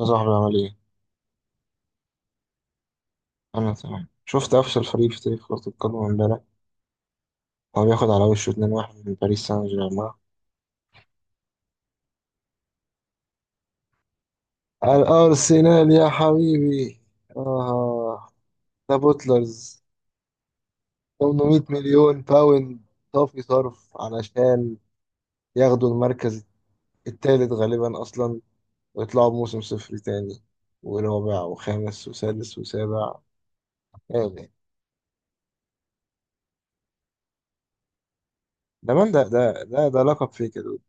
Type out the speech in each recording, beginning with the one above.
يا صاحبي عمل ايه؟ انا تمام. شفت افشل فريق في تاريخ كرة القدم امبارح. هو بياخد على وشه 2-1 من باريس سان جيرمان. الارسنال يا حبيبي. اه، ده بوتلرز. 800 مليون باوند صافي صرف علشان ياخدوا المركز الثالث غالبا اصلا، ويطلعوا بموسم صفر تاني، ورابع وخامس وسادس وسابع. ايه ده؟ ده من ده ده ده, ده لقب فيك يا دود.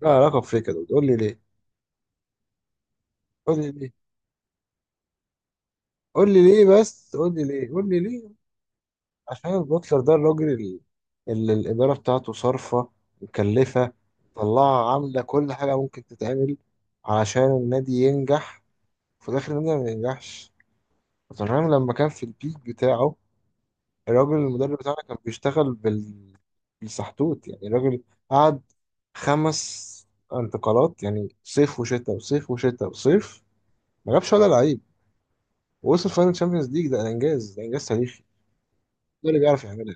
ده لقب فيك يا دود، قول لي ليه، قول لي ليه، قول لي ليه، بس قول لي ليه، قول لي ليه. عشان البوتلر ده الراجل اللي الإدارة بتاعته صارفة مكلفة، طلعها عاملة كل حاجة ممكن تتعمل علشان النادي ينجح، وفي الآخر النادي ما ينجحش. وتنهام لما كان في البيك بتاعه، الراجل المدرب بتاعنا كان بيشتغل بالسحتوت. يعني الراجل قعد خمس انتقالات، يعني صيف وشتاء وصيف وشتاء وصيف، ما جابش ولا لعيب، ووصل فاينل تشامبيونز ليج. ده إنجاز، ده إنجاز تاريخي. ده اللي بيعرف يعملها.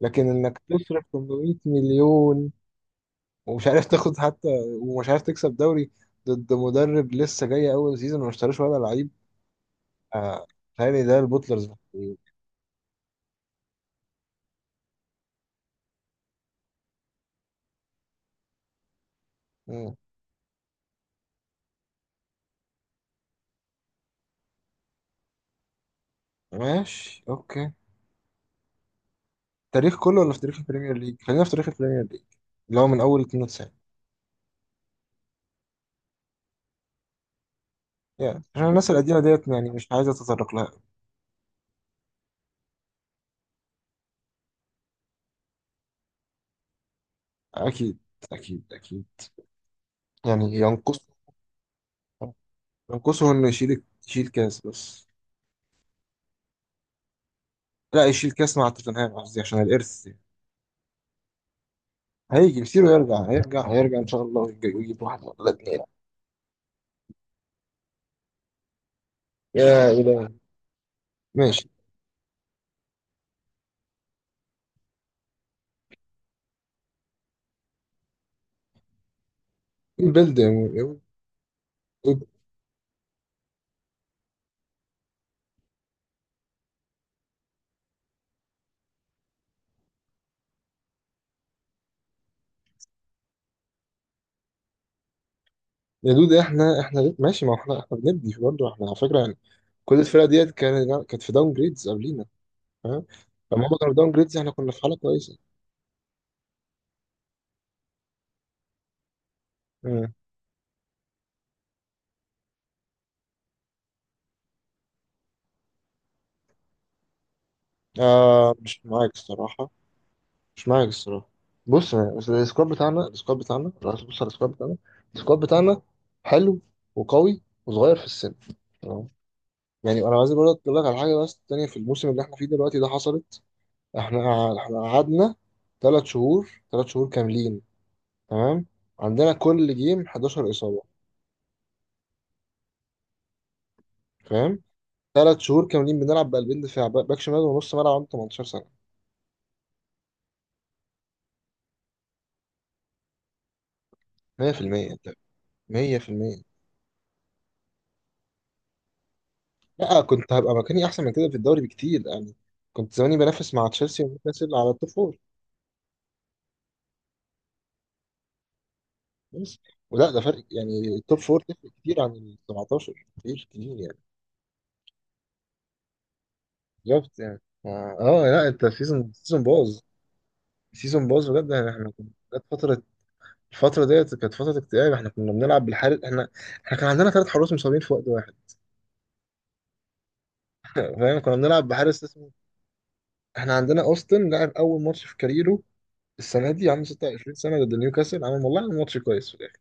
لكن انك تصرف 800 مليون ومش عارف تاخد حتى، ومش عارف تكسب دوري ضد مدرب لسه جاي اول سيزون وما اشتراش ولا لعيب؟ آه، تهيألي ده البوتلرز محتاجين. مم. ماشي، اوكي. تاريخ كله ولا في تاريخ البريمير ليج؟ خلينا في تاريخ البريمير ليج، اللي هو من اول 92، يعني عشان الناس القديمه ديت يعني مش عايز اتطرق لها. اكيد، اكيد اكيد. يعني ينقصه انه يشيل كاس بس. لا، يشيل كاس مع توتنهام قصدي، عشان الارث. هيجي بيصير يرجع هيرجع، هيرجع ان شاء الله، ويجيب واحد ولا اتنين. يا الهي. ماشي. ايه البلد يا دود، احنا ماشي. ما هو احنا بنبني برضه احنا، على فكره. يعني كل الفرق ديت كانت في داون جريدز قبلينا، فاهم؟ لما هم كانوا داون جريدز احنا كنا في حاله كويسه. مم. آه، مش معاك الصراحه. مش معاك الصراحه. بص، بس السكواد بتاعنا، السكواد بتاعنا، لو عايز تبص على السكواد بتاعنا، السكواد بتاعنا حلو وقوي وصغير في السن. يعني انا عايز برضه اقول لك على حاجه بس تانية. في الموسم اللي احنا فيه دلوقتي ده حصلت. احنا احنا قعدنا ثلاث شهور، ثلاث شهور كاملين، تمام، عندنا كل جيم 11 اصابه، فاهم؟ ثلاث شهور كاملين بنلعب بقلبين دفاع، باك باك شمال، ونص ملعب عنده 18 سنه. 100% انت. 100%. لا، كنت هبقى مكاني احسن من كده في الدوري بكتير يعني. كنت زماني بنافس مع تشيلسي ونيوكاسل على التوب فور. بس. ولا ده فرق يعني؟ التوب فور تفرق كتير عن ال 17، كتير كتير يعني. بالظبط يعني. اه، آه، لا انت سيزون باظ، سيزون باظ بجد. يعني احنا كنا، جت الفترة ديت كانت فترة اكتئاب. احنا كنا بنلعب بالحارس. احنا، احنا كان عندنا ثلاث حراس مصابين في وقت واحد. فاهم؟ كنا بنلعب بحارس اسمه، احنا عندنا اوستن، لعب اول ماتش في كاريره السنة دي، عنده 26 سنة، ضد نيوكاسل، عمل والله عمل ماتش كويس في الاخر.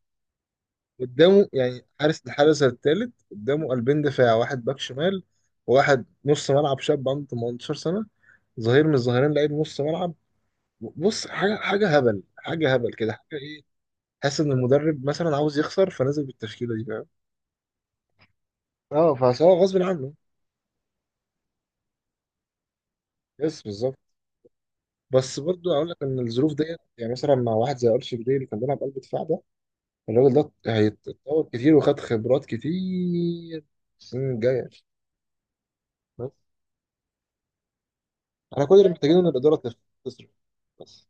قدامه يعني، حارس، الحارس الثالث، قدامه قلبين دفاع، واحد باك شمال، وواحد نص ملعب شاب عنده 18 سنة، ظهير من الظهيرين لعيب نص ملعب. بص، حاجه، حاجه هبل، حاجه هبل كده، حاجه ايه؟ حاسس ان المدرب مثلا عاوز يخسر، فنزل بالتشكيله دي، فاهم؟ اه، فهو غصب عنه. يس، بالظبط. بس برضه اقول لك ان الظروف ديت، يعني مثلا مع واحد زي ارشي جراي اللي كان بيلعب قلب دفاع ده، الراجل ده هيتطور كتير، وخد خبرات كتير. السنين الجايه. بس. احنا كل اللي محتاجينه ان الاداره تصرف بس.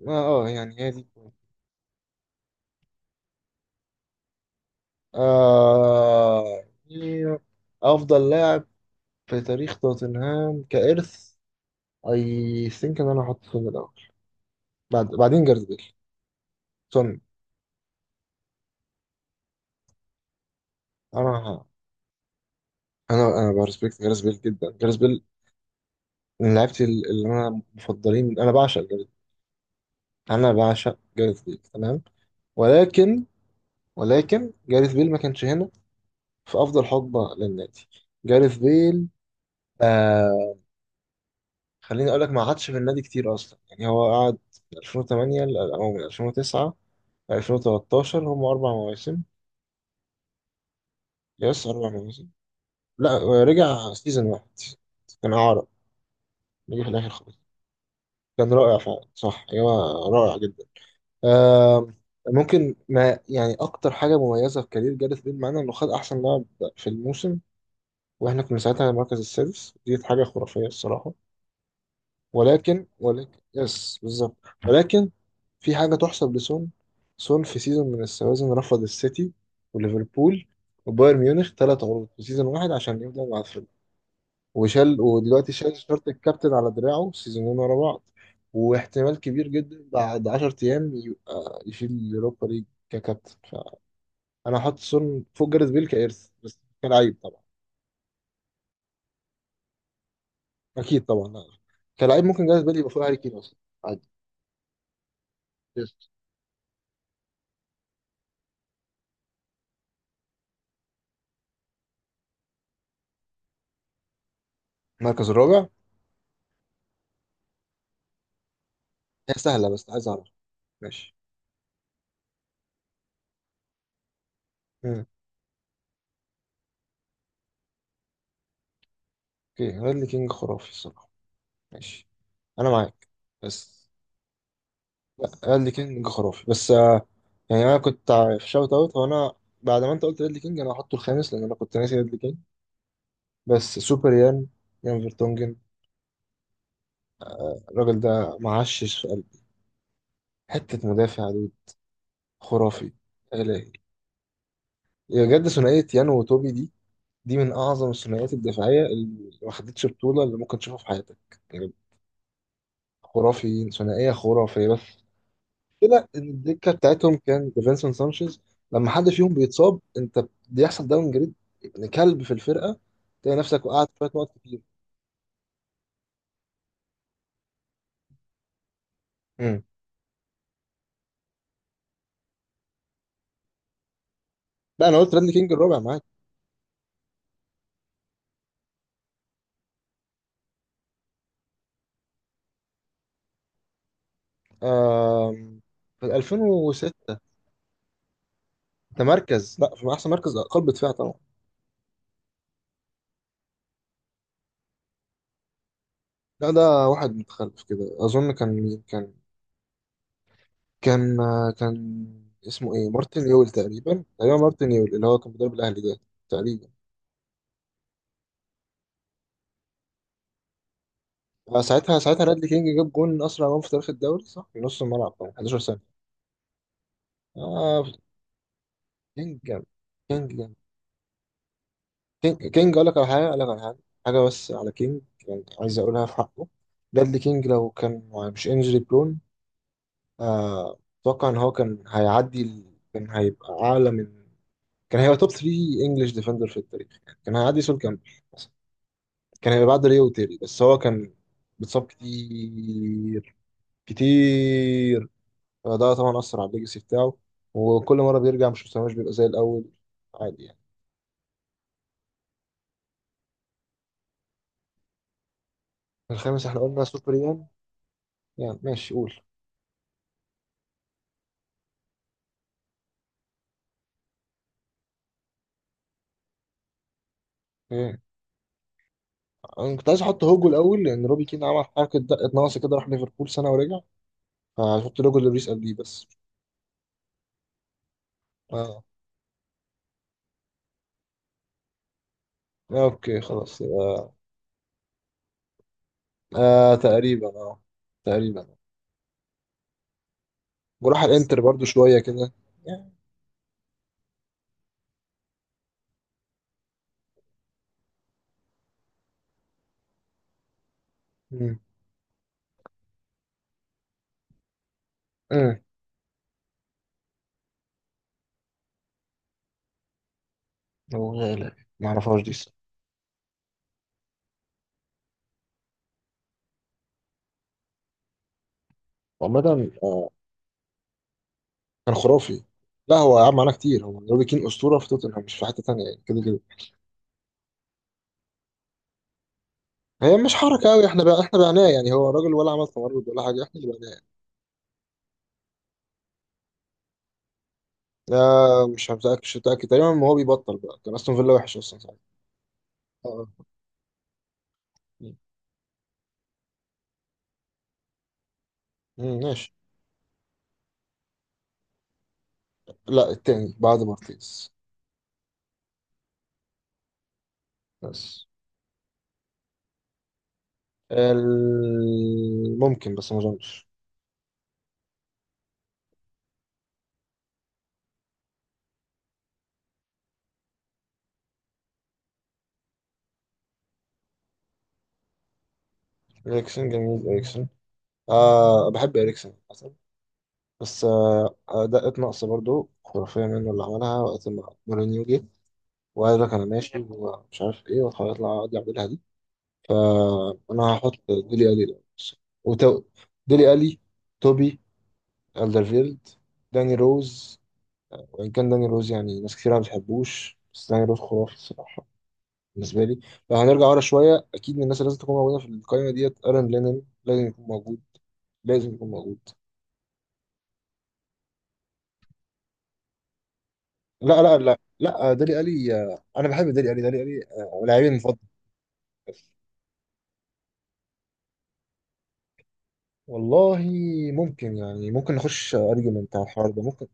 ما اه، يعني هي دي. آه، يعني افضل لاعب في تاريخ توتنهام كإرث، اي ثينك ان انا هحط سون الاول، بعدين جاريث بيل. سون. انا ه- انا برسبكت جاريث بيل جدا. جاريث بيل من لعيبتي، اللي انا مفضلين. انا بعشق جاريث، انا بعشق جاريث بيل، تمام. ولكن، ولكن جاريث بيل ما كانش هنا في افضل حقبه للنادي. جاريث بيل، آه، خليني اقول لك، ما قعدش في النادي كتير اصلا يعني. هو قعد من 2008 او من 2009 ل 2013، هم اربع مواسم. يس، اربع مواسم. لا، رجع سيزون واحد، كان عارض. نجي في الاخر خالص، كان رائع فعلا، صح. ايوه، رائع جدا. آم، ممكن ما يعني، اكتر حاجه مميزه في كارير جاريث بيل معانا انه خد احسن لاعب في الموسم واحنا كنا ساعتها المركز السادس. دي حاجه خرافيه الصراحه. ولكن، ولكن، يس بالظبط. ولكن في حاجه تحسب لسون. سون، في سيزون من السوازن، رفض السيتي وليفربول وبايرن ميونخ، ثلاث عروض في سيزون واحد، عشان يفضل مع. وشال، ودلوقتي شال شارة الكابتن على دراعه سيزونين ورا بعض. واحتمال كبير جدا بعد 10 ايام يبقى يشيل اليوروبا ليج ككابتن. فانا هحط سون فوق جاريث بيل كارث، بس كلاعب طبعا. اكيد طبعا، لا. كلاعب ممكن جاريث بيل يبقى فوق هاري كين اصلا، عادي. يس. المركز الرابع. هي سهله، بس عايز اعرف. ماشي. مم. اوكي، رادلي كينج خرافي الصراحه. ماشي، انا معاك. بس، ريدلي كينج خرافي، بس آه، يعني انا كنت في شوت اوت، هو انا بعد ما انت قلت ريدلي كينج انا هحطه الخامس، لان انا كنت ناسي ريدلي كينج. بس سوبر يان، يان فيرتونجن، الراجل ده معشش في قلبي، حته مدافع دود. خرافي. الهي، بجد. ثنائيه يان وتوبي، دي من اعظم الثنائيات الدفاعيه اللي ما خدتش بطوله اللي ممكن تشوفها في حياتك يعني. خرافي، ثنائيه خرافيه. بس المشكلة إن الدكة بتاعتهم كان ديفينسون سانشيز، لما حد فيهم بيتصاب أنت بيحصل داون جريد، ابن كلب في الفرقة، تلاقي نفسك وقعت شوية نقط كتير. امم. لا، أنا قلت راندي كينج الرابع، معاك. آم، في 2006. ده مركز، لا، في أحسن مركز قلب دفاع طبعا. لا ده واحد متخلف كده، أظن. كان مين كان كان آه، كان اسمه إيه، مارتن يول تقريبا، تقريبا مارتن يول، اللي هو كان بيدرب الأهلي ده. تقريبا. آه، ساعتها رادلي كينج جاب جون، اسرع جون في تاريخ الدوري، صح، في نص الملعب طبعا، 11 سنه. اه. كينج، كينج، كينج كينج، اقول لك على حاجه، حاجه بس على كينج، يعني عايز اقولها في حقه. بradley كينج لو كان مش انجري برون، آه، اتوقع ان هو كان هيعدي كان هيبقى توب 3 انجلش ديفندر في التاريخ يعني. كان هيعدي سول كامبل مثلا، كان هيبقى بعد ريو تيري. بس هو كان بيتصاب كتير، كتير. فده طبعا اثر على الليجاسي بتاعه. وكل مره بيرجع مش مستواش، بيبقى زي الاول، عادي يعني. الخامس احنا قلنا سوبر يان. يعني ماشي، قول. ايه، انا كنت عايز احط هوجو الاول، لان روبي كين عمل حركه دقه ناقصه كده، راح ليفربول سنه ورجع. فهحط لوجو لوريس قلبي بس. اه، آه، اوكي، خلاص يبقى. آه، تقريبا، اه، تقريبا. وراح الانتر برضو شويه كده يعني. امم. امم، هو غالي ما اعرفهاش دي الصراحة. عامه، آه، كان خرافي. لا هو يا عم، على كتير، هو روبي كين اسطوره في توتنهام، مش في حته تانيه يعني، كده كده. هي مش حركه قوي، احنا بقى احنا بعناه يعني. هو راجل، ولا عمل تمرد ولا حاجه، احنا اللي بعناه. آه، مش متأكد، مش متأكد، تقريبا. ما هو بيبطل بقى، كان أستون فيلا وحش أصلا ساعتها. اه. مم، ماشي. لا التاني بعد مارتيز. بس ممكن، بس ما أظنش. إريكسن، جميل إريكسن، آه، بحب إريكسن أصلا. بس آه، أداءات ناقصة برضو، خرافية منه اللي عملها وقت ما مورينيو جه وقال لك أنا ماشي ومش عارف إيه، وهيطلع عادي أعملها دي. فأنا هحط ديلي ألي ده، وتو... ديلي ألي، توبي ألدرفيلد، داني روز. وإن كان داني روز يعني ناس كتير ما بتحبوش، بس داني روز خرافي الصراحة، بالنسبة لي. لو هنرجع ورا شوية، أكيد من الناس اللي لازم تكون موجودة في القائمة ديت أرن لينن، لازم يكون موجود، لازم يكون موجود. لا لا لا لا، دالي ألي، آه، أنا بحب دالي ألي، دالي ألي آه، لاعبي المفضل. والله، ممكن يعني، ممكن نخش أرجيومنت على الحوار ده، ممكن.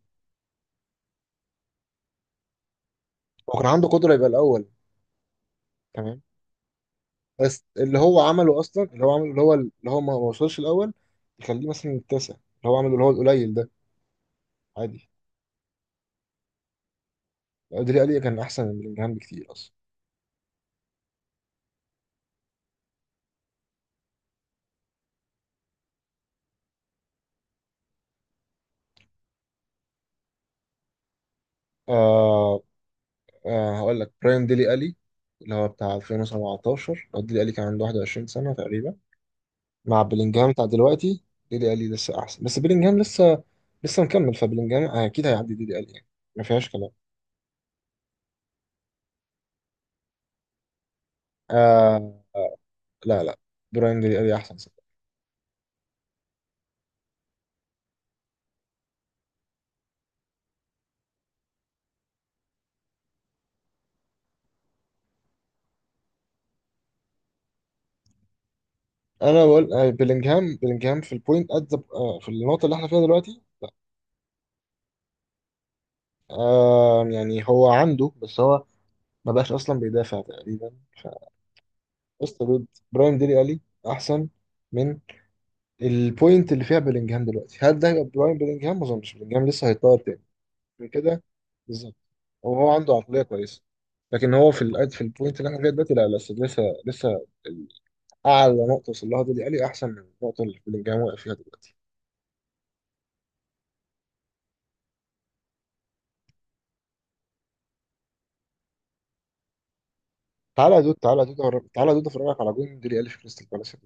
لو كان عنده قدرة يبقى الأول. تمام. بس اللي هو عمله اصلا، اللي هو عمله، اللي هو اللي هو ما وصلش الاول، يخليه مثلا التاسع. اللي هو عمله، اللي هو القليل ده، عادي. ديلي الي كان احسن من بلينجهام بكتير اصلا. آه. آه، هقول لك براين ديلي الي اللي هو بتاع 2017، هو ديلي الي كان عنده 21 سنه تقريبا، مع بلينجهام بتاع دلوقتي. ديلي الي لسه احسن. بس بلينجهام لسه، لسه مكمل، فبلينجهام اكيد هيعدي ديلي الي يعني، ما فيهاش كلام. آه، آه، لا لا، براين ديلي الي احسن. انا بقول، آه، بلينجهام، بلينجهام في البوينت ات the- آه، في النقطه اللي احنا فيها دلوقتي. آه، يعني هو عنده، بس هو ما بقاش اصلا بيدافع تقريبا. فقصة ضد براين ديلي الي احسن من البوينت اللي فيها بلينجهام دلوقتي. هل ده هيبقى براين بلينجهام؟ ما اظنش. بلينجهام لسه هيتطور تاني من كده. بالظبط. وهو عنده عقليه كويسه. لكن هو في الأد، في البوينت اللي احنا فيها دلوقتي، لا لسه، لسه لسه، اعلى نقطه وصل لها ديلي الي احسن من النقطه اللي بلينجهام واقف فيها دلوقتي. تعالى يا دود، تعالى يا دود، تعالى يا دود افرجك على جون ديلي الي في كريستال بالاس.